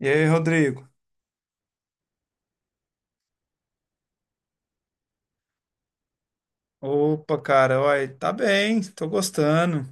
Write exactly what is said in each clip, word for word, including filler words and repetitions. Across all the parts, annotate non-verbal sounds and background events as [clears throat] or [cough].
E aí, Rodrigo? Opa, cara, olha, tá bem, tô gostando.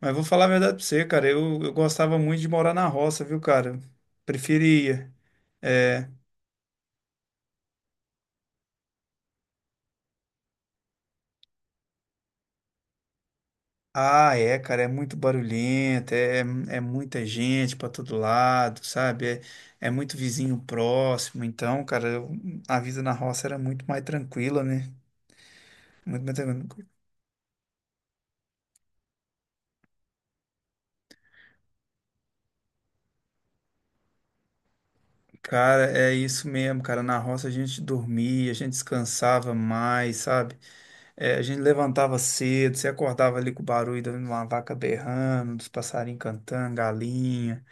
Mas vou falar a verdade pra você, cara. Eu, eu gostava muito de morar na roça, viu, cara? Preferia. É. Ah, é, cara, é muito barulhento, é, é muita gente pra todo lado, sabe? É, é muito vizinho próximo. Então, cara, eu- a vida na roça era muito mais tranquila, né? Muito mais tranquila. Cara, é isso mesmo, cara. Na roça a gente dormia, a gente descansava mais, sabe? É, a gente levantava cedo, você acordava ali com o barulho de uma vaca berrando, dos passarinhos cantando, galinha.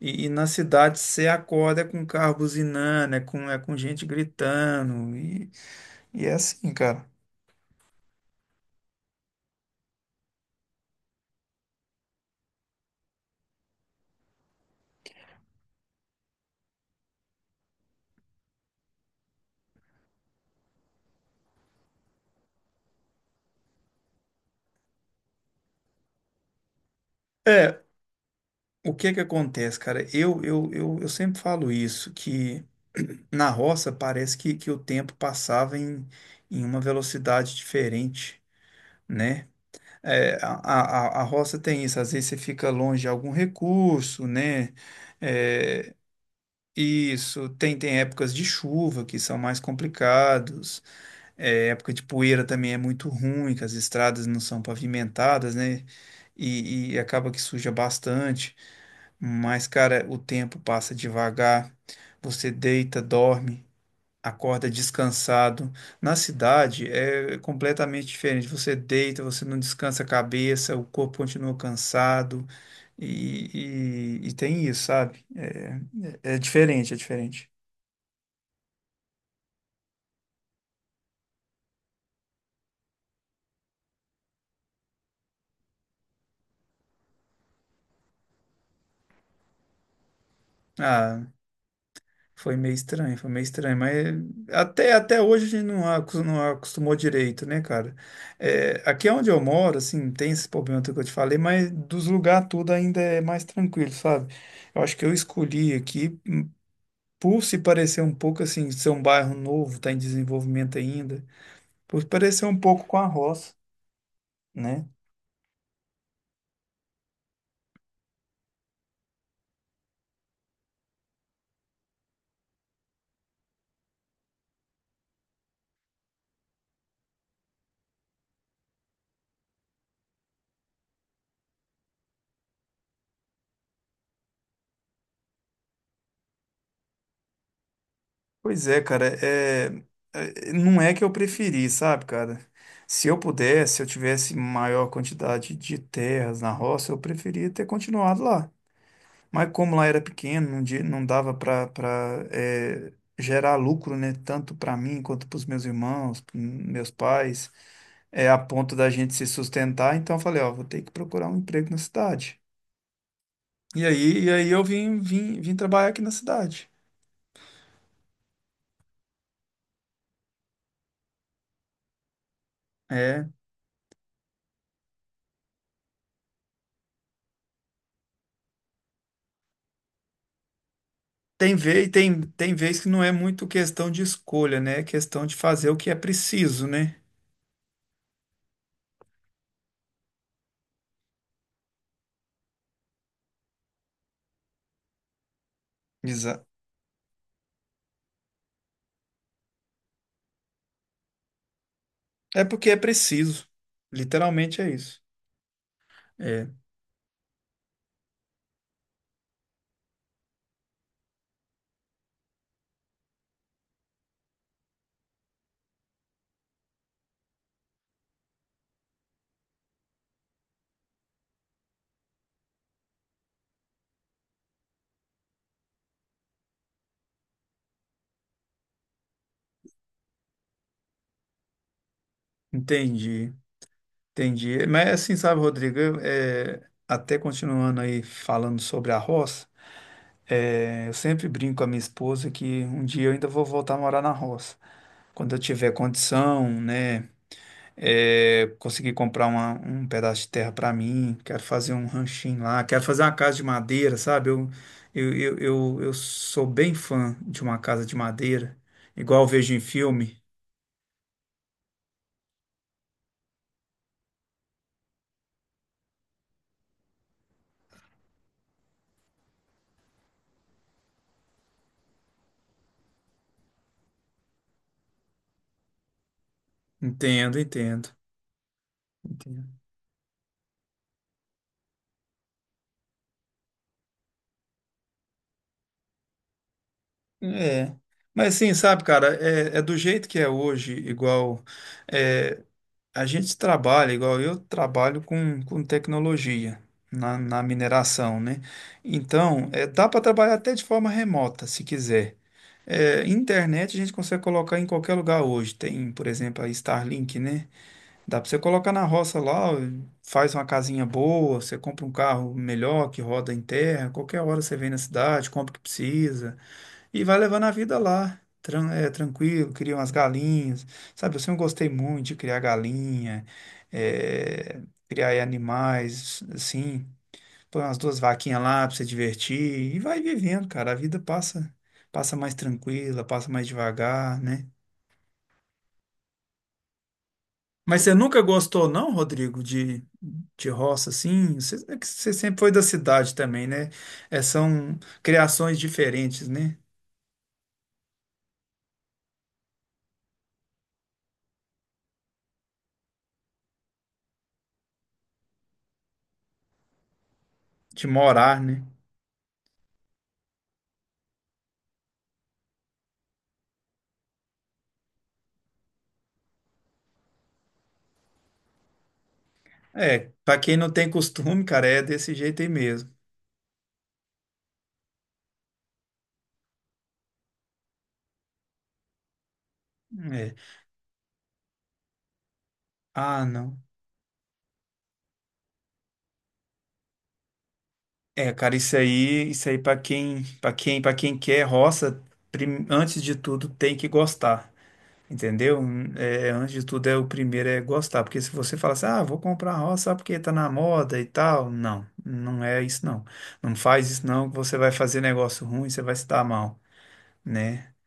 E, e na cidade você acorda é com carro buzinando, é com, é com gente gritando. E, e é assim, cara. É, o que que acontece, cara? Eu, eu, eu, eu sempre falo isso, que [clears throat] na roça parece que, que o tempo passava em, em uma velocidade diferente, né? É, a, a, a roça tem isso, às vezes você fica longe de algum recurso, né? É, isso, tem, tem épocas de chuva que são mais complicados, é, época de poeira também é muito ruim, que as estradas não são pavimentadas, né? E, e acaba que suja bastante, mas, cara, o tempo passa devagar, você deita, dorme acorda descansado. Na cidade é completamente diferente. Você deita, você não descansa a cabeça, o corpo continua cansado e, e- e tem isso, sabe? É, é diferente, é diferente. Ah, foi meio estranho, foi meio estranho, mas até, até hoje a gente não, acos- não acostumou direito, né, cara? É, aqui é onde eu moro, assim, tem esse problema que eu te falei, mas dos lugares tudo ainda é mais tranquilo, sabe? Eu acho que eu escolhi aqui por se parecer um pouco assim, ser um bairro novo, está em desenvolvimento ainda, por se parecer um pouco com a roça, né? Pois é, cara, é, é- não é que eu preferi, sabe, cara? Se eu pudesse, se eu tivesse maior quantidade de terras na roça, eu preferia ter continuado lá. Mas como lá era pequeno, não, di- não dava para gerar lucro, né? Tanto para mim quanto para os meus irmãos, pros meus pais, é a ponto da gente se sustentar. Então eu falei, ó, vou ter que procurar um emprego na cidade. E aí, e aí eu vim, vim, vim trabalhar aqui na cidade. É. Tem vez, tem, tem vez que não é muito questão de escolha, né? É questão de fazer o que é preciso, né? Exato. É porque é preciso. Literalmente é isso. É, entendi. Entendi. Mas assim, sabe, Rodrigo, eu, eh, até continuando aí falando sobre a roça, eh, eu sempre brinco com a minha esposa que um dia eu ainda vou voltar a morar na roça. Quando eu tiver condição, né, eh, conseguir comprar uma- um pedaço de terra para mim, quero fazer um ranchinho lá, quero fazer uma casa de madeira, sabe? Eu, eu, eu, eu, eu sou bem fã de uma casa de madeira, igual eu vejo em filme. Entendo, entendo. É. Mas assim, sabe, cara, é, é do jeito que é hoje, igual é, a gente trabalha, igual eu trabalho com, com tecnologia na, na mineração, né? Então, é, dá para trabalhar até de forma remota, se quiser. É, internet a gente consegue colocar em qualquer lugar hoje. Tem, por exemplo, a Starlink, né? Dá para você colocar na roça lá, faz uma casinha boa, você compra um carro melhor que roda em terra, qualquer hora você vem na cidade, compra o que precisa. E vai levando a vida lá, tran- é, tranquilo, cria umas galinhas. Sabe, eu sempre gostei muito de criar galinha, é, criar aí animais, assim. Põe umas duas vaquinhas lá pra você divertir e vai vivendo, cara. A vida passa, passa mais tranquila, passa mais devagar, né? Mas você nunca gostou, não, Rodrigo, de, de roça, assim? Você, é que você sempre foi da cidade também, né? É, são criações diferentes, né? De morar, né? É, pra quem não tem costume, cara, é desse jeito aí mesmo. É. Ah, não. É, cara, isso aí, isso aí para quem, para quem, para quem quer roça, prim- antes de tudo tem que gostar, entendeu? É, antes de tudo é o primeiro é gostar, porque se você fala assim, ah, vou comprar roça só porque tá na moda e tal, não, não é isso não. Não faz isso não, que você vai fazer negócio ruim, você vai se dar mal, né?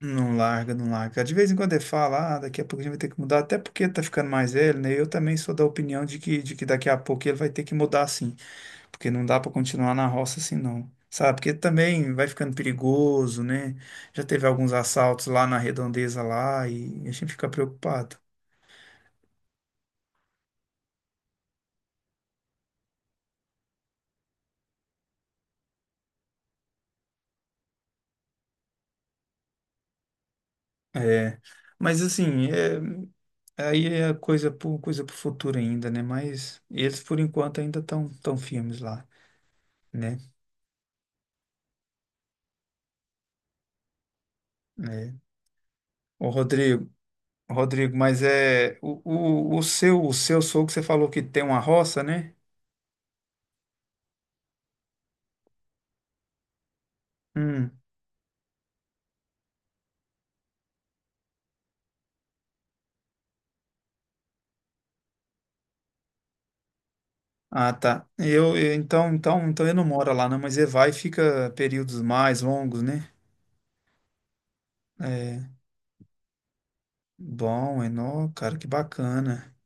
Não larga, não larga. De vez em quando ele fala, ah, daqui a pouco a gente vai ter que mudar, até porque tá ficando mais velho, né? Eu também sou da opinião de que, de que daqui a pouco ele vai ter que mudar sim, porque não dá pra continuar na roça assim não. Sabe? Porque também vai ficando perigoso, né? Já teve alguns assaltos lá na redondeza lá e a gente fica preocupado. É. Mas assim, é, aí é coisa pro, coisa pro futuro ainda, né? Mas eles por enquanto ainda estão tão tão firmes lá, né? É. Ô, Rodrigo, Rodrigo, mas é o, o, o seu o seu sogro que você falou que tem uma roça, né? Hum. Ah, tá. Eu, eu- então então então ele não mora lá não, mas ele vai e fica períodos mais longos, né? É. Bom, Enó, cara, que bacana.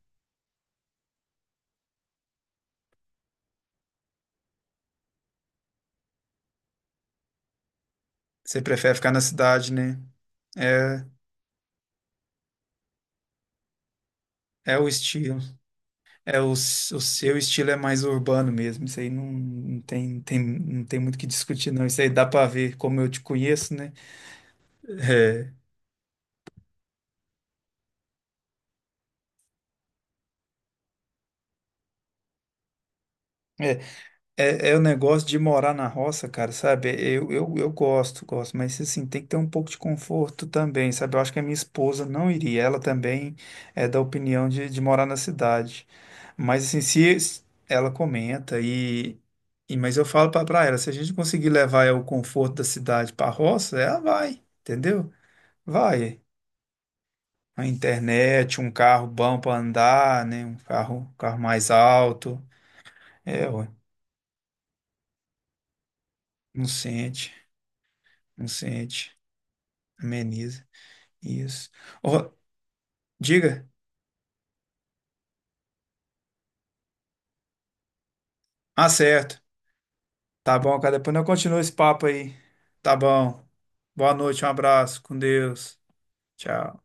Você prefere ficar na cidade, né? É é o estilo. É o, s- o seu estilo é mais urbano mesmo. Isso aí não, não tem, não tem não tem muito o que discutir não. Isso aí dá pra ver como eu te conheço, né? É. É. É, é o negócio de morar na roça, cara, sabe? Eu, eu, eu gosto, gosto, mas assim, tem que ter um pouco de conforto também, sabe? Eu acho que a minha esposa não iria, ela também é da opinião de, de morar na cidade. Mas assim, se es- ela comenta e, e mas eu falo pra, pra ela, se a gente conseguir levar o conforto da cidade pra roça, ela vai, entendeu? Vai. A internet, um carro bom pra andar, né? Um carro, um carro mais alto. É, ué, não sente, não sente. Ameniza. Isso. Ô, diga. Ah, certo. Tá bom, cara. Depois nós continuamos esse papo aí. Tá bom. Boa noite, um abraço. Com Deus. Tchau.